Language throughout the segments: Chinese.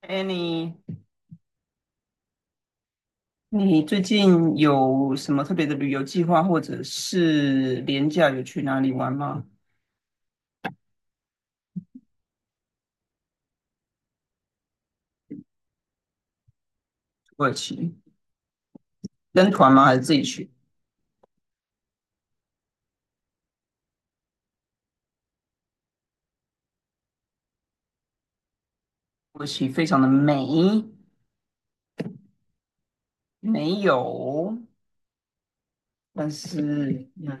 哎，你最近有什么特别的旅游计划，或者是廉价有去哪里玩吗？土耳其跟团吗？还是自己去？土耳其非常的美，没有，但是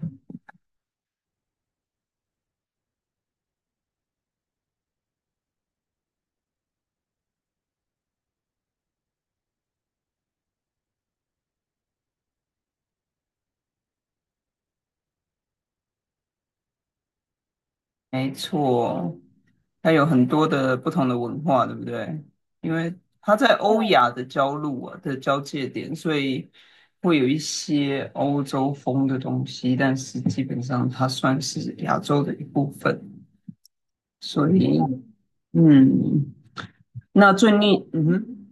没错，它有很多的不同的文化，对不对？因为它在欧亚的交路啊的交界点，所以会有一些欧洲风的东西，但是基本上它算是亚洲的一部分。所以，嗯，那嗯哼，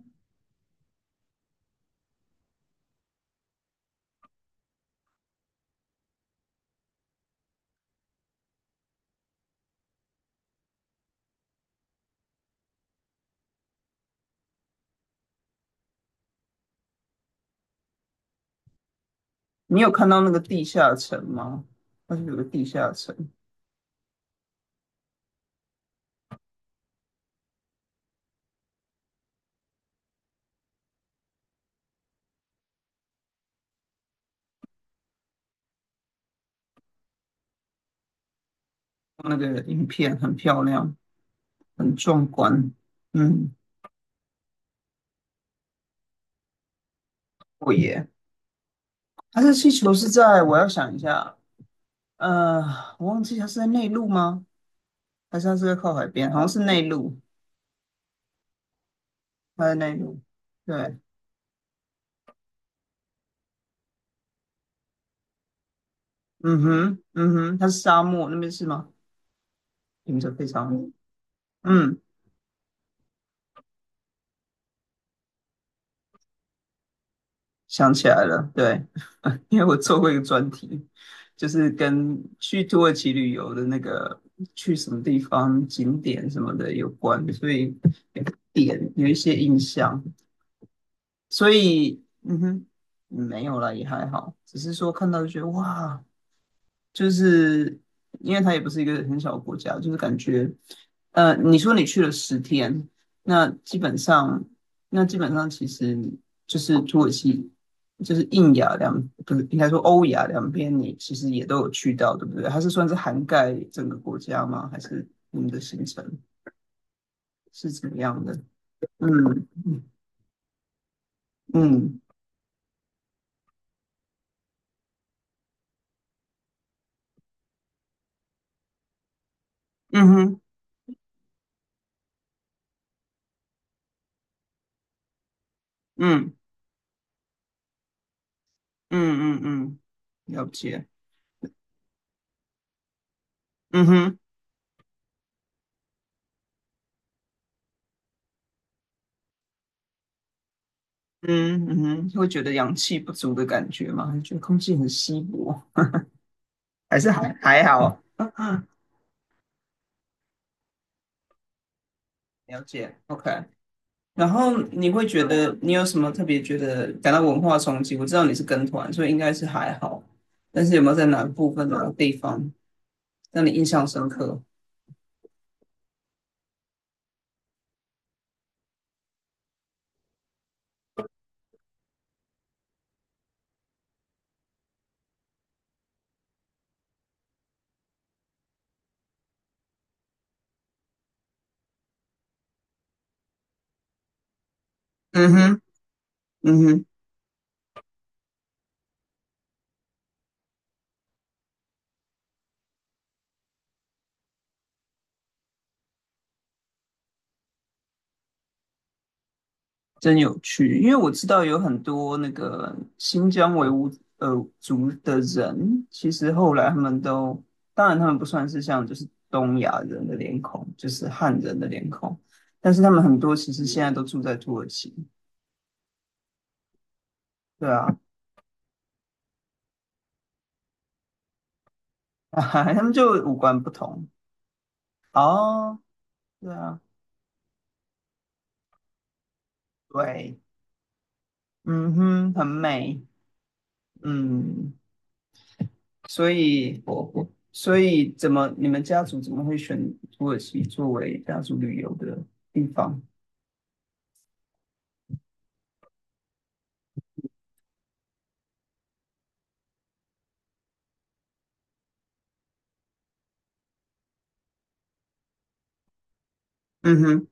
你有看到那个地下城吗？它是有个地下城，那个影片很漂亮，很壮观。嗯，我也，它这气球是在，我要想一下，呃，我忘记它是在内陆吗？还是它是在靠海边？好像是内陆，它在内陆。对，嗯哼，嗯哼，它是沙漠那边是吗？停着非常，嗯想起来了，对，因为我做过一个专题，就是跟去土耳其旅游的那个去什么地方景点什么的有关，所以有个点有一些印象，所以嗯哼，没有啦，也还好，只是说看到就觉得哇，就是因为它也不是一个很小的国家，就是感觉，你说你去了10天，那基本上，那基本上其实就是土耳其，就是印亚两，不是应该说欧亚两边，你其实也都有去到，对不对？它是算是涵盖整个国家吗？还是你们的行程是怎么样的？嗯嗯嗯嗯哼嗯嗯嗯嗯，了解，嗯哼。嗯嗯哼，会觉得氧气不足的感觉吗？还是觉得空气很稀薄，还是还好？了解，OK。然后你会觉得你有什么特别觉得感到文化冲击？我知道你是跟团，所以应该是还好。但是有没有在哪个部分、哪个地方让你印象深刻？嗯哼，嗯哼。真有趣，因为我知道有很多那个新疆维吾尔族的人，其实后来他们都，当然他们不算是像就是东亚人的脸孔，就是汉人的脸孔，但是他们很多其实现在都住在土耳其，对啊，他们就五官不同，哦，对啊，对，嗯哼，很美，嗯，所以怎么你们家族怎么会选土耳其作为家族旅游的？地方。嗯哼，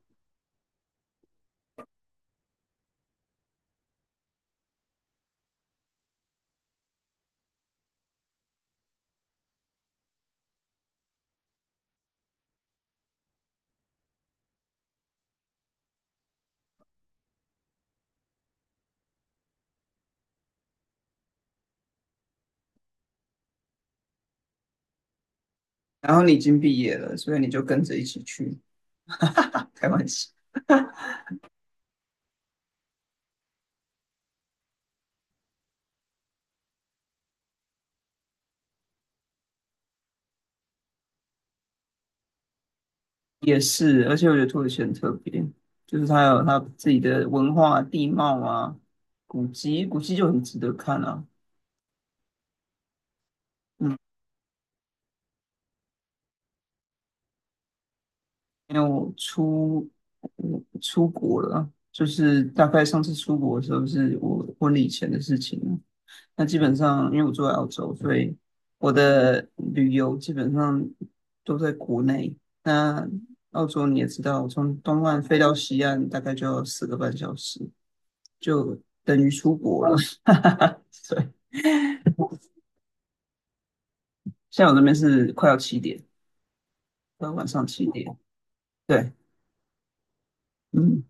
然后你已经毕业了，所以你就跟着一起去。开玩笑，也是，而且我觉得土耳其很特别，就是它有它自己的文化、地貌啊、古迹，古迹就很值得看啊。嗯，因为我出国了，就是大概上次出国的时候是我婚礼前的事情了。那基本上因为我住在澳洲，所以我的旅游基本上都在国内。那澳洲你也知道，从东岸飞到西岸大概就要4个半小时，就等于出国了。对，现在我这边是快要七点，快要晚上7点。对，嗯。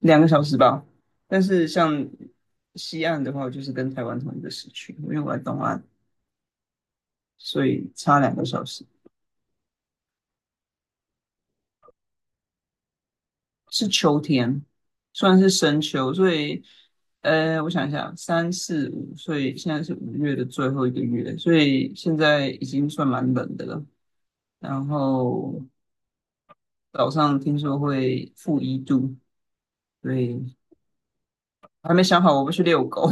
两个小时吧。但是像西岸的话，我就是跟台湾同一个时区，因为我在东岸，所以差两个小时。是秋天，算是深秋，所以我想一下，三四五，所以现在是5月的最后一个月，所以现在已经算蛮冷的了。然后早上听说会负一度，所以还没想好我不去遛狗。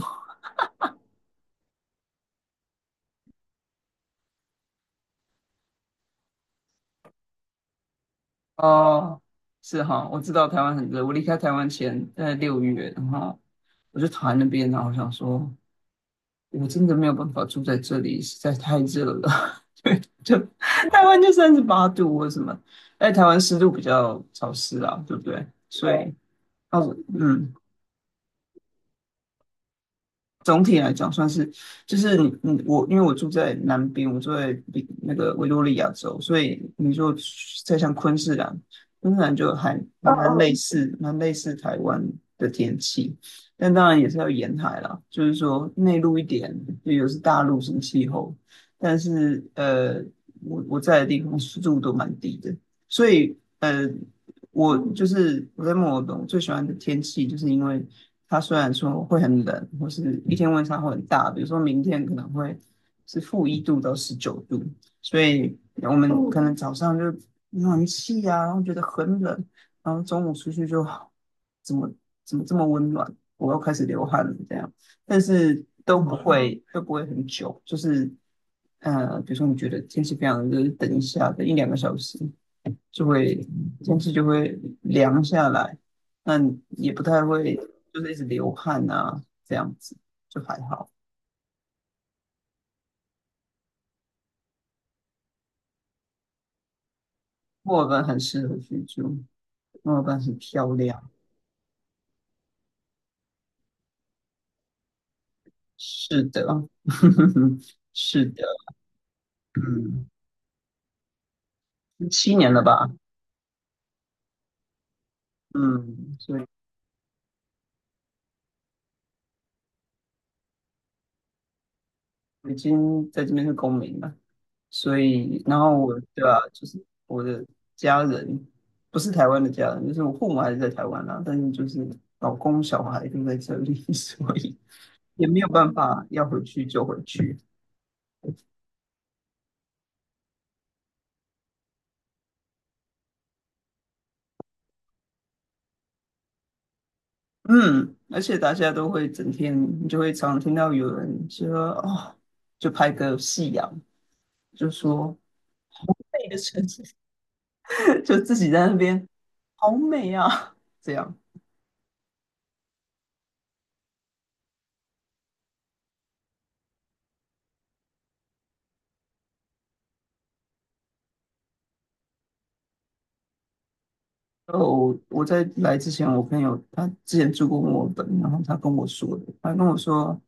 哦，是哈，我知道台湾很热。我离开台湾前，在6月，然后我就躺在那边，然后我想说，我真的没有办法住在这里，实在太热了。就台湾就38度或什么，在台湾湿度比较潮湿啊，对不对？所以，哦，嗯，总体来讲算是，就是我，因为我住在南边，我住在比那个维多利亚州，所以你说再像昆士兰，昆士兰就还蛮类似台湾的天气，但当然也是要沿海啦，就是说内陆一点，就有是大陆型气候，但是我在的地方湿度都蛮低的，所以我就是我在墨尔本，我最喜欢的天气，就是因为它虽然说会很冷，或是一天温差会很大，比如说明天可能会是-1度到19度，所以我们哦可能早上就暖气啊，然后觉得很冷，然后中午出去就怎么怎么这么温暖，我又开始流汗了这样，但是都不会很久，就是比如说你觉得天气非常热，就等一下，等一两个小时，就会天气就会凉下来，但也不太会就是一直流汗啊，这样子就还好。墨尔本很适合居住，墨尔本很漂亮。是的，是的，嗯，7年了吧，嗯，所以我已经在这边是公民了。所以，然后我，对啊，就是我的家人不是台湾的家人，就是我父母还是在台湾啦、但是就是老公小孩都在这里，所以也没有办法，要回去就回去。嗯，而且大家都会整天，你就会常常听到有人说哦，就拍个夕阳，就说美的城市，就自己在那边好美啊，这样。哦，我在来之前，我朋友他之前住过墨尔本，然后他跟我说的，他跟我说，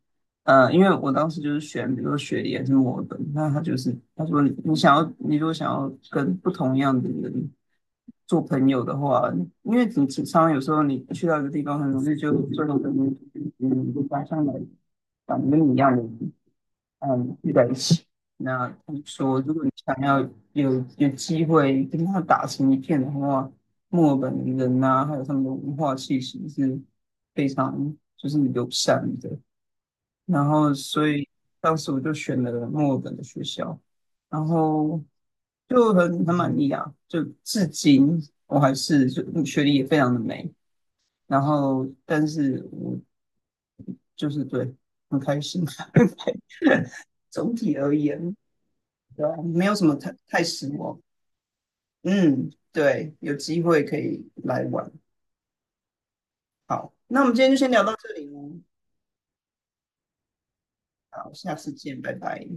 因为我当时就是选，比如说雪梨还是墨尔本，那他就是他说你想要，你如果想要跟不同样的人做朋友的话，因为你常常有时候你去到一个地方，很容易就做成跟嗯，你嗯家乡的，长得跟你一样的人，嗯，聚在一起。那他们说，如果你想要有机会跟他打成一片的话，墨尔本人呐、还有他们的文化气息是非常就是友善的。然后，所以当时我就选了墨尔本的学校，然后就很满意啊。就至今我还是就学历也非常的美，然后但是我就是对很开心，很开总体而言。对啊没有什么太失望。嗯，对，有机会可以来玩。好，那我们今天就先聊到这里喽。好，下次见，拜拜。